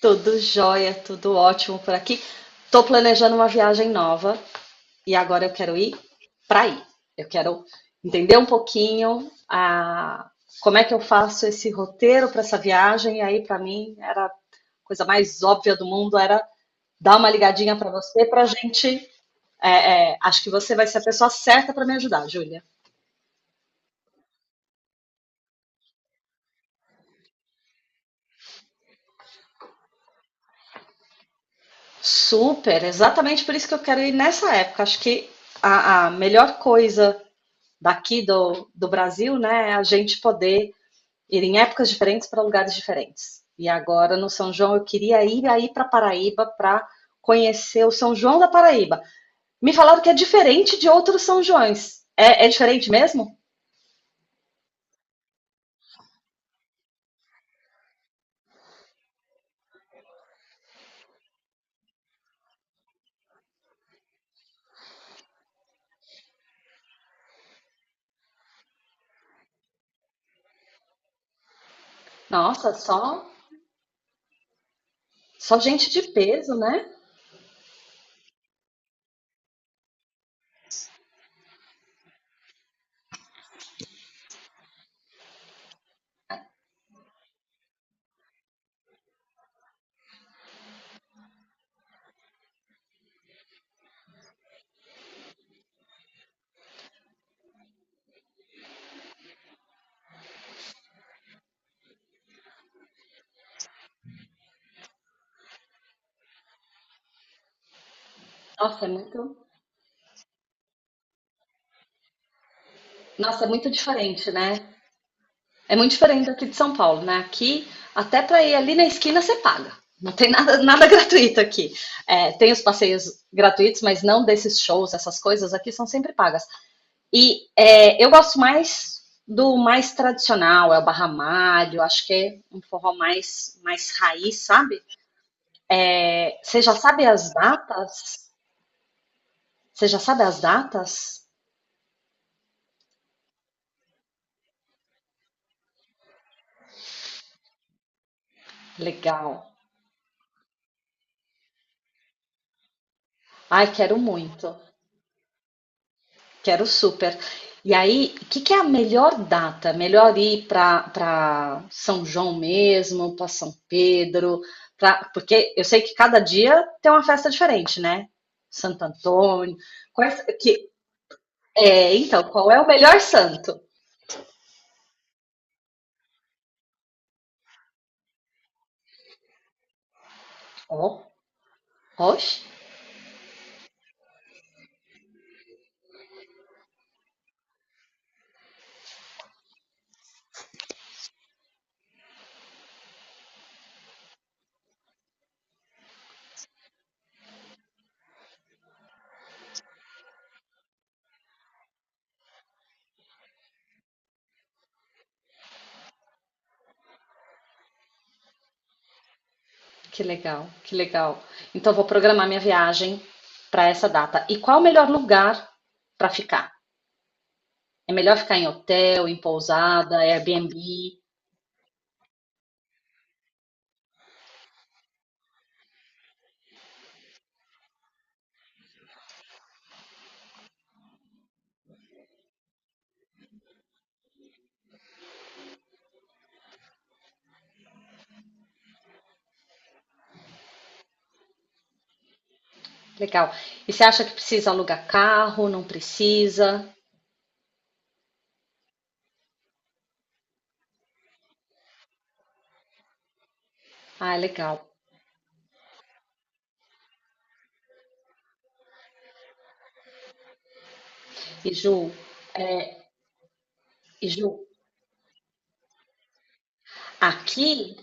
Tudo jóia, tudo ótimo por aqui. Tô planejando uma viagem nova e agora eu quero ir para aí. Eu quero entender um pouquinho a como é que eu faço esse roteiro para essa viagem e aí para mim era a coisa mais óbvia do mundo era dar uma ligadinha para você para a gente. Acho que você vai ser a pessoa certa para me ajudar, Júlia. Super, exatamente por isso que eu quero ir nessa época. Acho que a melhor coisa daqui do Brasil, né, a gente poder ir em épocas diferentes para lugares diferentes. E agora no São João eu queria ir aí para Paraíba para conhecer o São João da Paraíba. Me falaram que é diferente de outros São Joões. É diferente mesmo? Nossa, só gente de peso, né? Nossa, é muito, nossa, é muito diferente, né? É muito diferente aqui de São Paulo, né? Aqui, até para ir ali na esquina, você paga. Não tem nada, nada gratuito aqui. É, tem os passeios gratuitos, mas não desses shows, essas coisas aqui são sempre pagas. E eu gosto mais do mais tradicional, é o barramalho, acho que é um forró mais raiz, sabe? É, você já sabe as datas? Você já sabe as datas? Legal. Ai, quero muito. Quero super. E aí, o que, que é a melhor data? Melhor ir para São João mesmo, para São Pedro, porque eu sei que cada dia tem uma festa diferente, né? Santo Antônio. Quais, que, então, qual é o melhor santo? Oh, oxe, que legal, que legal. Então, vou programar minha viagem para essa data. E qual é o melhor lugar para ficar? É melhor ficar em hotel, em pousada, Airbnb? Legal. E você acha que precisa alugar carro? Não precisa? Ah, legal. E Ju, e Ju, aqui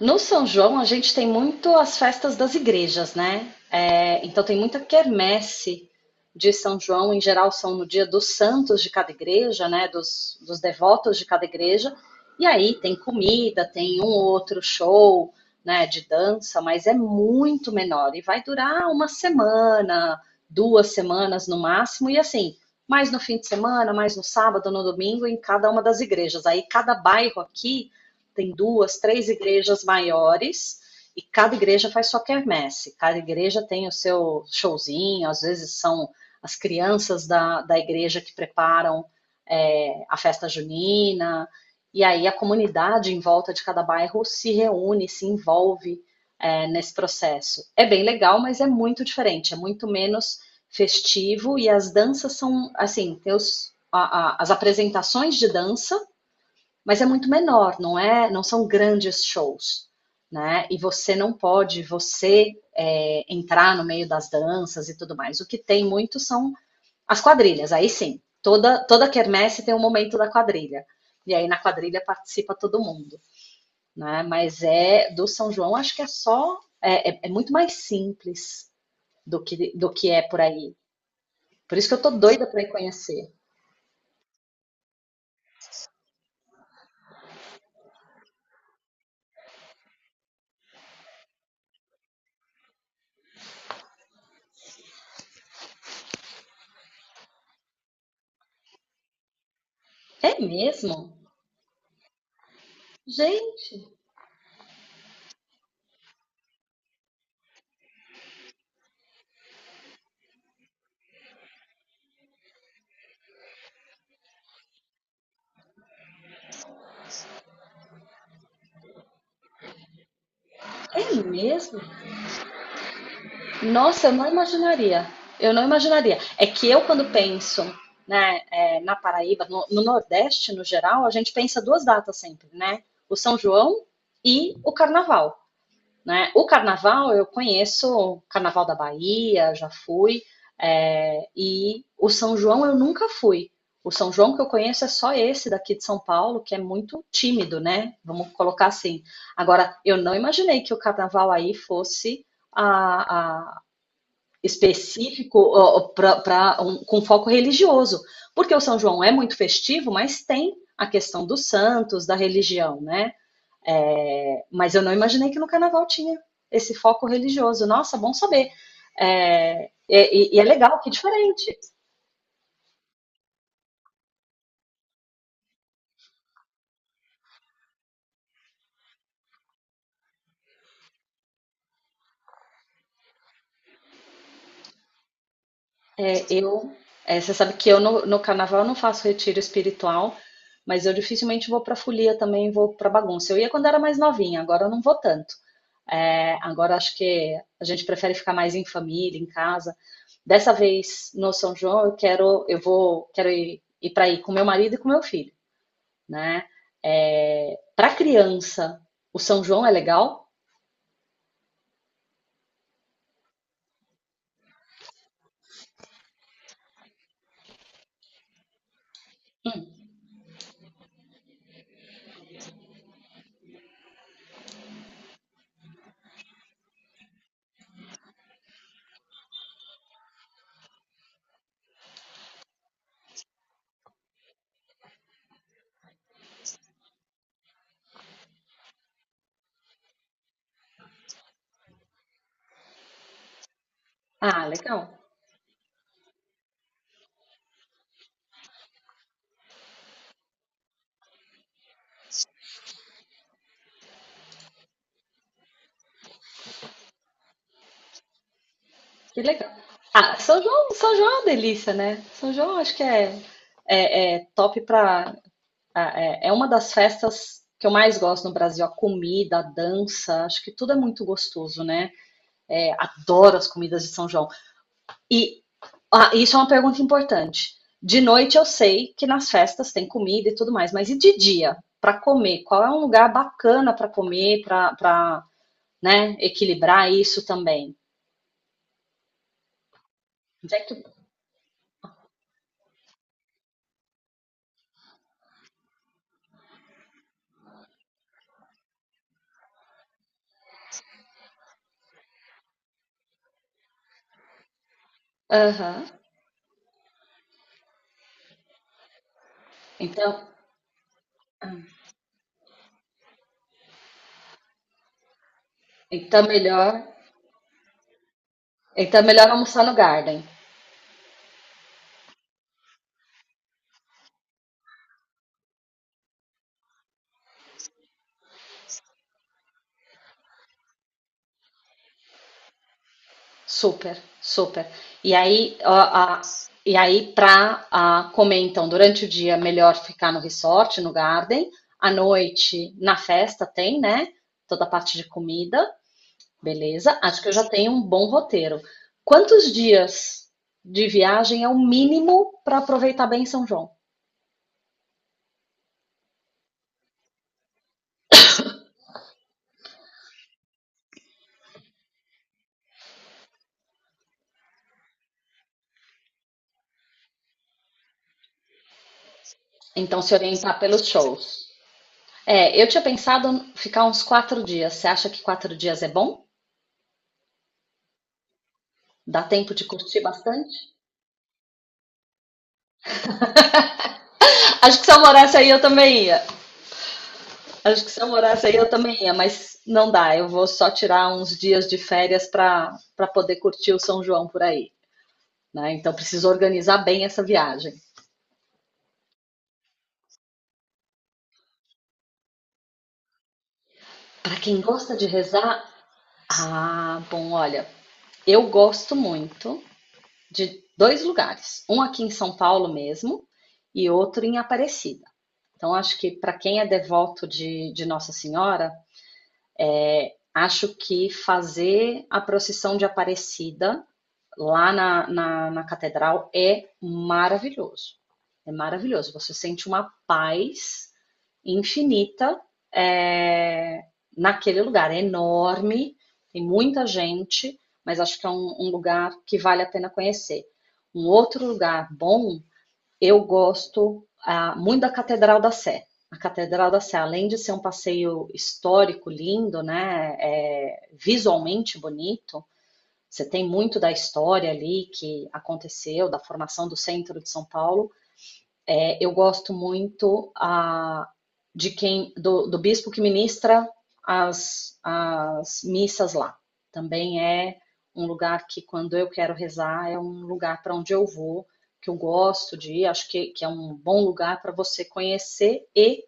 no São João, a gente tem muito as festas das igrejas, né? É, então, tem muita quermesse de São João. Em geral, são no dia dos santos de cada igreja, né? Dos devotos de cada igreja. E aí tem comida, tem um outro show, né? De dança, mas é muito menor. E vai durar uma semana, 2 semanas no máximo. E assim, mais no fim de semana, mais no sábado, no domingo, em cada uma das igrejas. Aí, cada bairro aqui tem duas, três igrejas maiores e cada igreja faz sua quermesse, cada igreja tem o seu showzinho, às vezes são as crianças da igreja que preparam a festa junina, e aí a comunidade em volta de cada bairro se reúne, se envolve nesse processo. É bem legal, mas é muito diferente, é muito menos festivo, e as danças são, assim, tem as apresentações de dança mas é muito menor, não é? Não são grandes shows, né? E você não pode, você entrar no meio das danças e tudo mais. O que tem muito são as quadrilhas. Aí sim, toda quermesse tem um momento da quadrilha. E aí na quadrilha participa todo mundo, né? Mas é do São João, acho que é só muito mais simples do que é por aí. Por isso que eu tô doida para ir conhecer. É mesmo? Gente, é mesmo? Nossa, eu não imaginaria. Eu não imaginaria. É que eu, quando penso, né, na Paraíba, no Nordeste, no geral, a gente pensa duas datas sempre, né? O São João e o Carnaval, né? O Carnaval, eu conheço o Carnaval da Bahia, já fui, e o São João eu nunca fui. O São João que eu conheço é só esse daqui de São Paulo, que é muito tímido, né? Vamos colocar assim. Agora, eu não imaginei que o carnaval aí fosse a, a, específico, ó, com foco religioso, porque o São João é muito festivo, mas tem a questão dos santos, da religião, né? É, mas eu não imaginei que no carnaval tinha esse foco religioso. Nossa, bom saber. É, e é legal, que é diferente. É, você sabe que eu no carnaval não faço retiro espiritual, mas eu dificilmente vou para folia também, vou para bagunça. Eu ia quando era mais novinha, agora eu não vou tanto. É, agora acho que a gente prefere ficar mais em família, em casa. Dessa vez no São João eu quero, eu vou, quero ir, ir para ir com meu marido e com meu filho, né? É, para criança, o São João é legal? Ah, legal. Que legal. Ah, São João, São João é uma delícia, né? São João acho que é top pra. Ah, É uma das festas que eu mais gosto no Brasil. A comida, a dança, acho que tudo é muito gostoso, né? É, adoro as comidas de São João. E ah, isso é uma pergunta importante. De noite eu sei que nas festas tem comida e tudo mais, mas e de dia? Pra comer? Qual é um lugar bacana pra comer, né, equilibrar isso também? Onde é que- Aham. Então. Então melhor, então melhor almoçar no Garden. Super, super. E aí, ó, a- e aí, para comer então durante o dia melhor ficar no resort, no Garden. À noite na festa tem, né? Toda a parte de comida, beleza? Acho que eu já tenho um bom roteiro. Quantos dias de viagem é o mínimo para aproveitar bem São João? Então se orientar pelos shows. É, eu tinha pensado ficar uns 4 dias. Você acha que 4 dias é bom? Dá tempo de curtir bastante? Acho que se eu morasse aí eu também ia. Acho que se eu morasse aí eu também ia, mas não dá. Eu vou só tirar uns dias de férias para poder curtir o São João por aí, né? Então preciso organizar bem essa viagem. Para quem gosta de rezar, ah, bom, olha, eu gosto muito de dois lugares, um aqui em São Paulo mesmo e outro em Aparecida. Então acho que para quem é devoto de Nossa Senhora, acho que fazer a procissão de Aparecida lá na catedral é maravilhoso. É maravilhoso. Você sente uma paz infinita é, naquele lugar. É enorme, tem muita gente, mas acho que é um lugar que vale a pena conhecer. Um outro lugar bom eu gosto, ah, muito da Catedral da Sé. A Catedral da Sé, além de ser um passeio histórico lindo, né, é visualmente bonito, você tem muito da história ali que aconteceu, da formação do centro de São Paulo, eu gosto muito a, de quem do, do bispo que ministra as missas lá. Também é um lugar que, quando eu quero rezar, é um lugar para onde eu vou, que eu gosto de ir. Acho que é um bom lugar para você conhecer e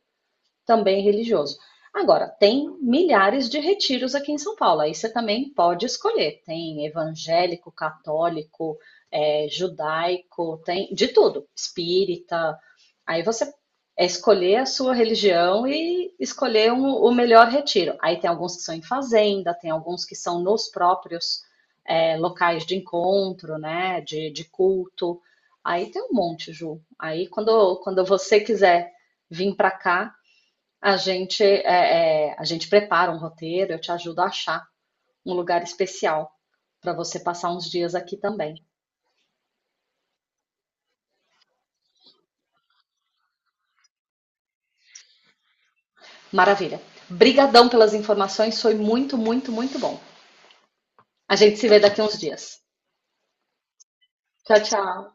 também religioso. Agora, tem milhares de retiros aqui em São Paulo, aí você também pode escolher. Tem evangélico, católico, judaico, tem de tudo, espírita. Aí você escolher a sua religião e escolher o melhor retiro. Aí tem alguns que são em fazenda, tem alguns que são nos próprios locais de encontro, né, de culto. Aí tem um monte, Ju. Aí quando você quiser vir para cá, a gente prepara um roteiro, eu te ajudo a achar um lugar especial para você passar uns dias aqui também. Maravilha. Brigadão pelas informações, foi muito, muito, muito bom. A gente se vê daqui a uns dias. Tchau, tchau.